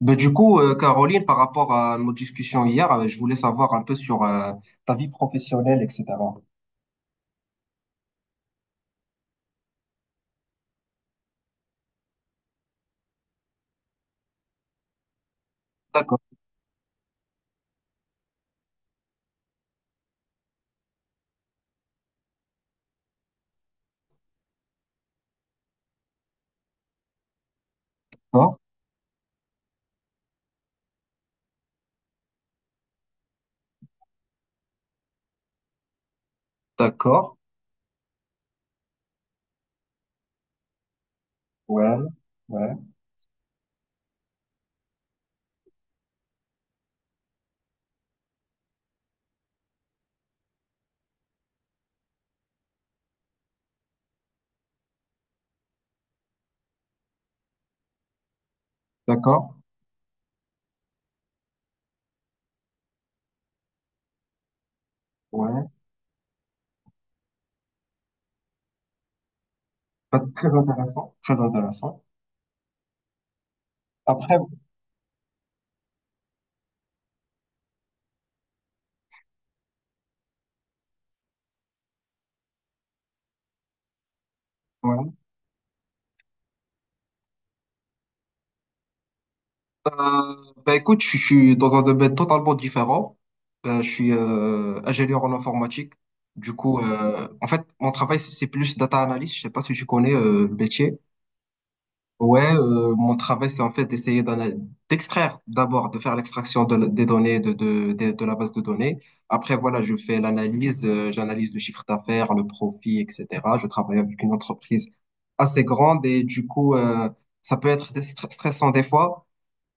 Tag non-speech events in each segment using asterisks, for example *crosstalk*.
Ben, du coup, Caroline, par rapport à nos discussions hier, je voulais savoir un peu sur ta vie professionnelle, etc. D'accord, d'accord, d'accord, ouais, ouais, d'accord, ouais. Ben, très intéressant, très intéressant. Après, ouais. Euh, ben, écoute, je suis dans un domaine totalement différent. Ben, je suis ingénieur en informatique. Du coup, en fait, mon travail, c'est plus data analyst. Je sais pas si tu connais le métier. Ouais, mon travail, c'est en fait d'essayer d'extraire d'abord, de faire l'extraction des données de la base de données. Après, voilà, je fais l'analyse, j'analyse le chiffre d'affaires, le profit, etc. Je travaille avec une entreprise assez grande et du coup, ça peut être stressant des fois.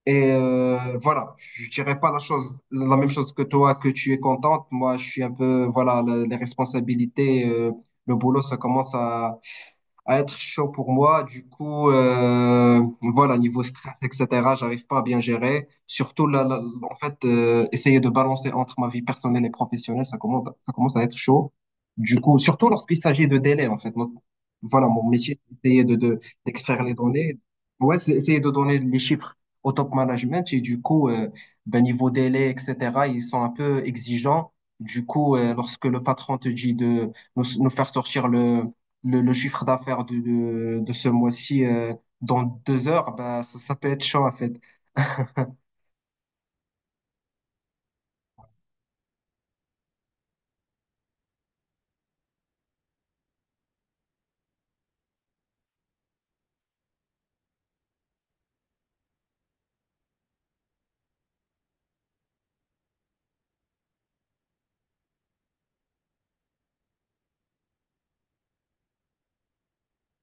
Et voilà, je dirais pas la chose, la même chose que toi, que tu es contente. Moi, je suis un peu, voilà, les responsabilités, le boulot, ça commence à être chaud pour moi. Du coup, voilà, niveau stress, etc., j'arrive pas à bien gérer. Surtout, là, là, en fait, essayer de balancer entre ma vie personnelle et professionnelle, ça commence à être chaud. Du coup, surtout lorsqu'il s'agit de délais, en fait. Voilà, mon métier, c'est essayer d'extraire les données. Ouais, c'est essayer de donner les chiffres au top management. Et du coup, ben, niveau délai, etc., ils sont un peu exigeants. Du coup, lorsque le patron te dit de nous faire sortir le chiffre d'affaires de ce mois-ci dans 2 heures, bah, ça peut être chaud en fait.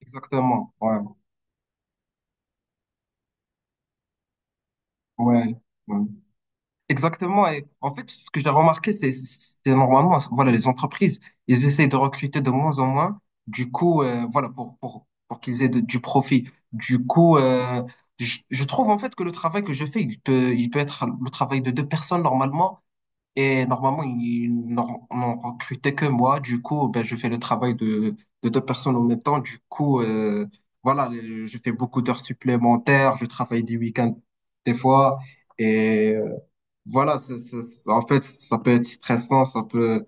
Exactement. Ouais, ouais, ouais. Exactement. Et en fait, ce que j'ai remarqué, normalement, voilà, les entreprises, ils essayent de recruter de moins en moins. Du coup, voilà, pour qu'ils aient du profit. Du coup, je trouve en fait que le travail que je fais, il peut être le travail de deux personnes normalement. Et normalement, ils n'en recrutaient que moi. Du coup, ben, je fais le travail de deux personnes en même temps. Du coup, voilà, je fais beaucoup d'heures supplémentaires. Je travaille des week-ends des fois. Et voilà, en fait, ça peut être stressant. Ça peut.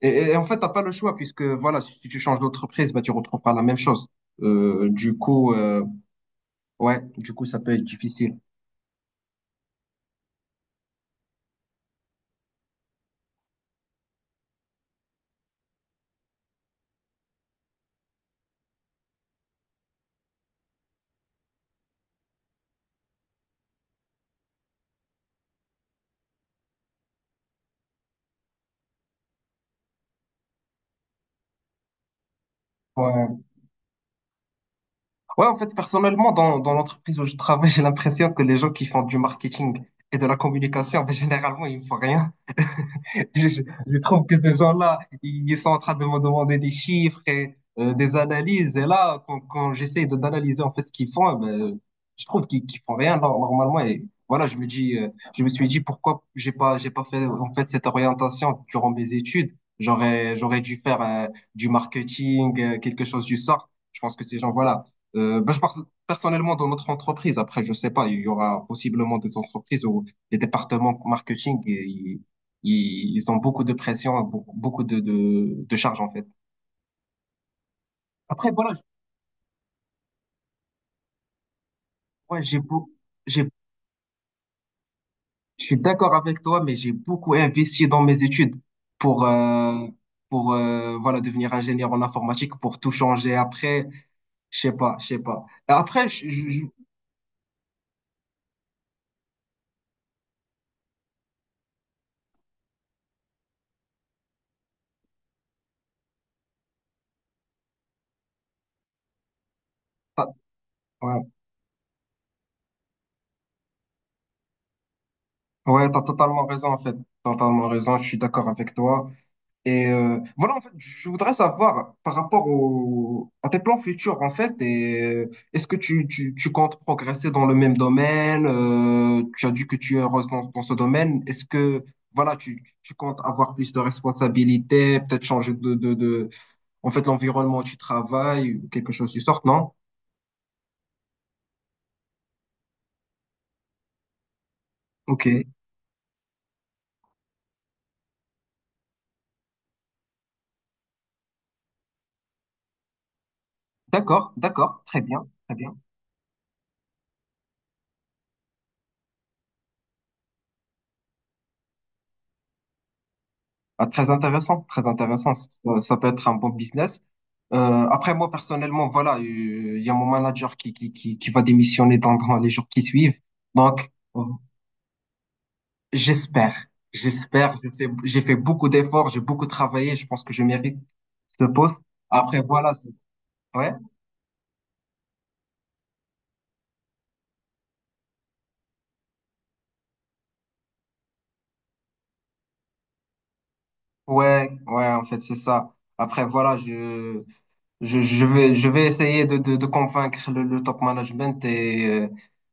Et en fait, t'as pas le choix puisque voilà, si tu changes d'entreprise, ben, tu retrouves pas la même chose. Du coup, ouais, du coup, ça peut être difficile. Ouais. Ouais, en fait, personnellement, dans l'entreprise où je travaille, *laughs* j'ai l'impression que les gens qui font du marketing et de la communication, ben, généralement, ils ne font rien. *laughs* Je trouve que ces gens-là, ils sont en train de me demander des chiffres et des analyses. Et là, quand j'essaie de d'analyser en fait ce qu'ils font, eh ben, je trouve qu'ils font rien normalement. Et voilà, je me dis, je me suis dit pourquoi j'ai pas fait en fait cette orientation durant mes études. J'aurais dû faire du marketing, quelque chose du sort. Je pense que ces gens, voilà. Ben, je pense personnellement dans notre entreprise. Après, je sais pas, il y aura possiblement des entreprises où les départements marketing, ils ont beaucoup de pression, beaucoup beaucoup de charge en fait. Après, voilà, ouais, j'ai, je suis d'accord avec toi, mais j'ai beaucoup investi dans mes études pour, euh, pour voilà, devenir ingénieur en informatique, pour tout changer après, je sais pas, je sais pas. Et après, t'as- ouais, ouais, t'as totalement raison en fait, t'as totalement raison, je suis d'accord avec toi. Et voilà, en fait, je voudrais savoir par rapport à tes plans futurs, en fait, et est-ce que tu comptes progresser dans le même domaine? Tu as dit que tu es heureuse dans ce domaine. Est-ce que, voilà, tu comptes avoir plus de responsabilités, peut-être changer de, en fait, l'environnement où tu travailles, ou quelque chose du sort, non? Ok, d'accord, d'accord, très bien, très bien. Ah, très intéressant, très intéressant. Ça peut être un bon business. Euh, Après, moi, personnellement, voilà, il y a mon manager qui va démissionner dans les jours qui suivent. Donc, euh, j'espère, j'espère, j'ai fait beaucoup d'efforts, j'ai beaucoup travaillé, je pense que je mérite ce poste. Après, voilà, ouais, ouais, ouais, en fait, c'est ça. Après, voilà, je vais essayer de convaincre le top management et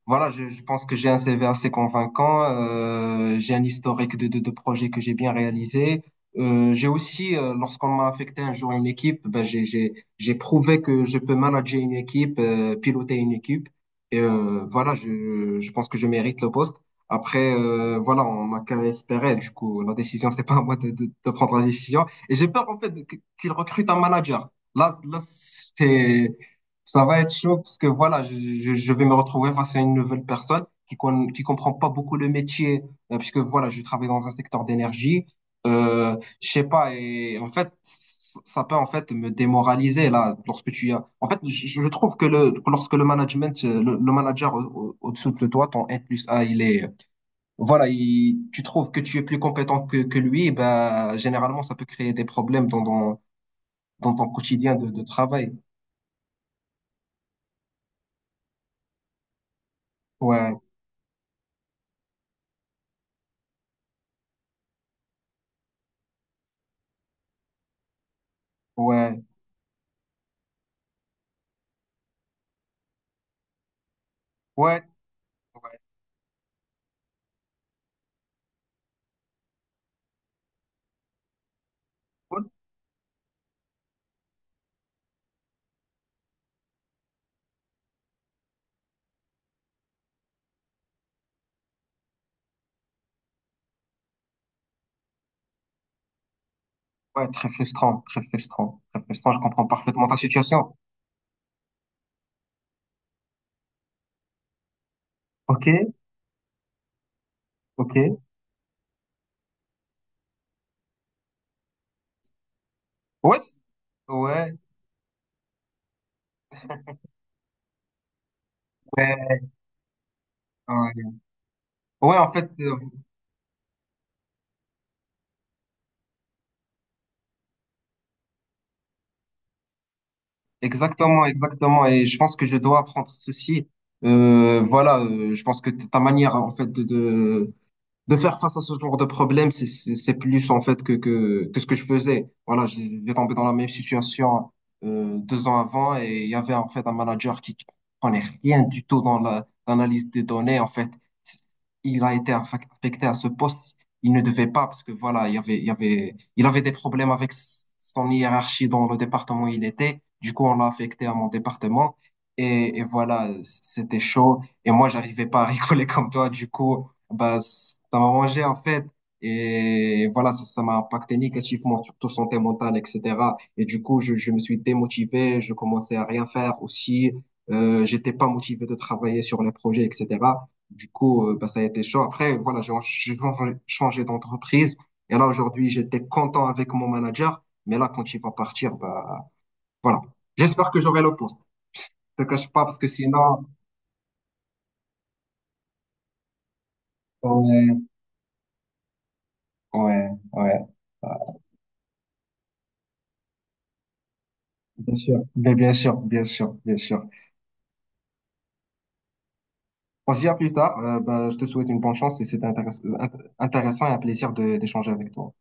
voilà, je pense que j'ai un CV assez convaincant, j'ai un historique de projets que j'ai bien réalisé. J'ai aussi, lorsqu'on m'a affecté un jour à une équipe, ben j'ai prouvé que je peux manager une équipe, piloter une équipe. Et voilà, je pense que je mérite le poste. Après, voilà, on m'a qu'à espérer. Du coup, la décision, c'est pas à moi de prendre la décision. Et j'ai peur en fait qu'il recrute un manager. Là, là, ça va être chaud parce que voilà, je vais me retrouver face à une nouvelle personne qui comprend pas beaucoup le métier, puisque voilà, je travaille dans un secteur d'énergie. Euh, je sais pas, et en fait, ça peut en fait me démoraliser là, lorsque tu as. En fait, je trouve que lorsque le management, le manager au dessous de toi, ton N+A, il est, voilà, tu trouves que tu es plus compétent que lui, bah, généralement, ça peut créer des problèmes dans ton quotidien de travail. Ouais, ouais, ouais, ouais, ouais, ouais, très frustrant, très frustrant, très frustrant. Je comprends parfaitement ta situation. Ok, ok. Ouais, ouais, ouais, ouais. Ouais, en fait, exactement, exactement. Et je pense que je dois apprendre ceci. Voilà, je pense que ta manière, en fait, de faire face à ce genre de problème, c'est plus en fait que ce que je faisais. Voilà, j'ai tombé dans la même situation 2 ans avant et il y avait en fait un manager qui prenait rien du tout dans l'analyse des données. En fait, il a été affecté à ce poste. Il ne devait pas parce que voilà, il avait des problèmes avec son hiérarchie dans le département où il était. Du coup, on l'a affecté à mon département. Et voilà, c'était chaud. Et moi, j'arrivais pas à *laughs* rigoler comme toi. Du coup, bah, ça m'a arrangé en fait. Et voilà, ça m'a impacté négativement, surtout santé mentale, etc. Et du coup, je me suis démotivé, je commençais à rien faire aussi. J'étais pas motivé de travailler sur les projets, etc. Du coup, bah, ça a été chaud. Après, voilà, j'ai changé d'entreprise. Et là, aujourd'hui, j'étais content avec mon manager. Mais là, quand il va partir, bah, voilà. J'espère que j'aurai le poste. Je te cache pas parce que sinon, ouais, ouais, ouais. Bien sûr, bien sûr, bien sûr. On se dit à plus tard. Ben, je te souhaite une bonne chance et c'était intéressant et un plaisir d'échanger avec toi.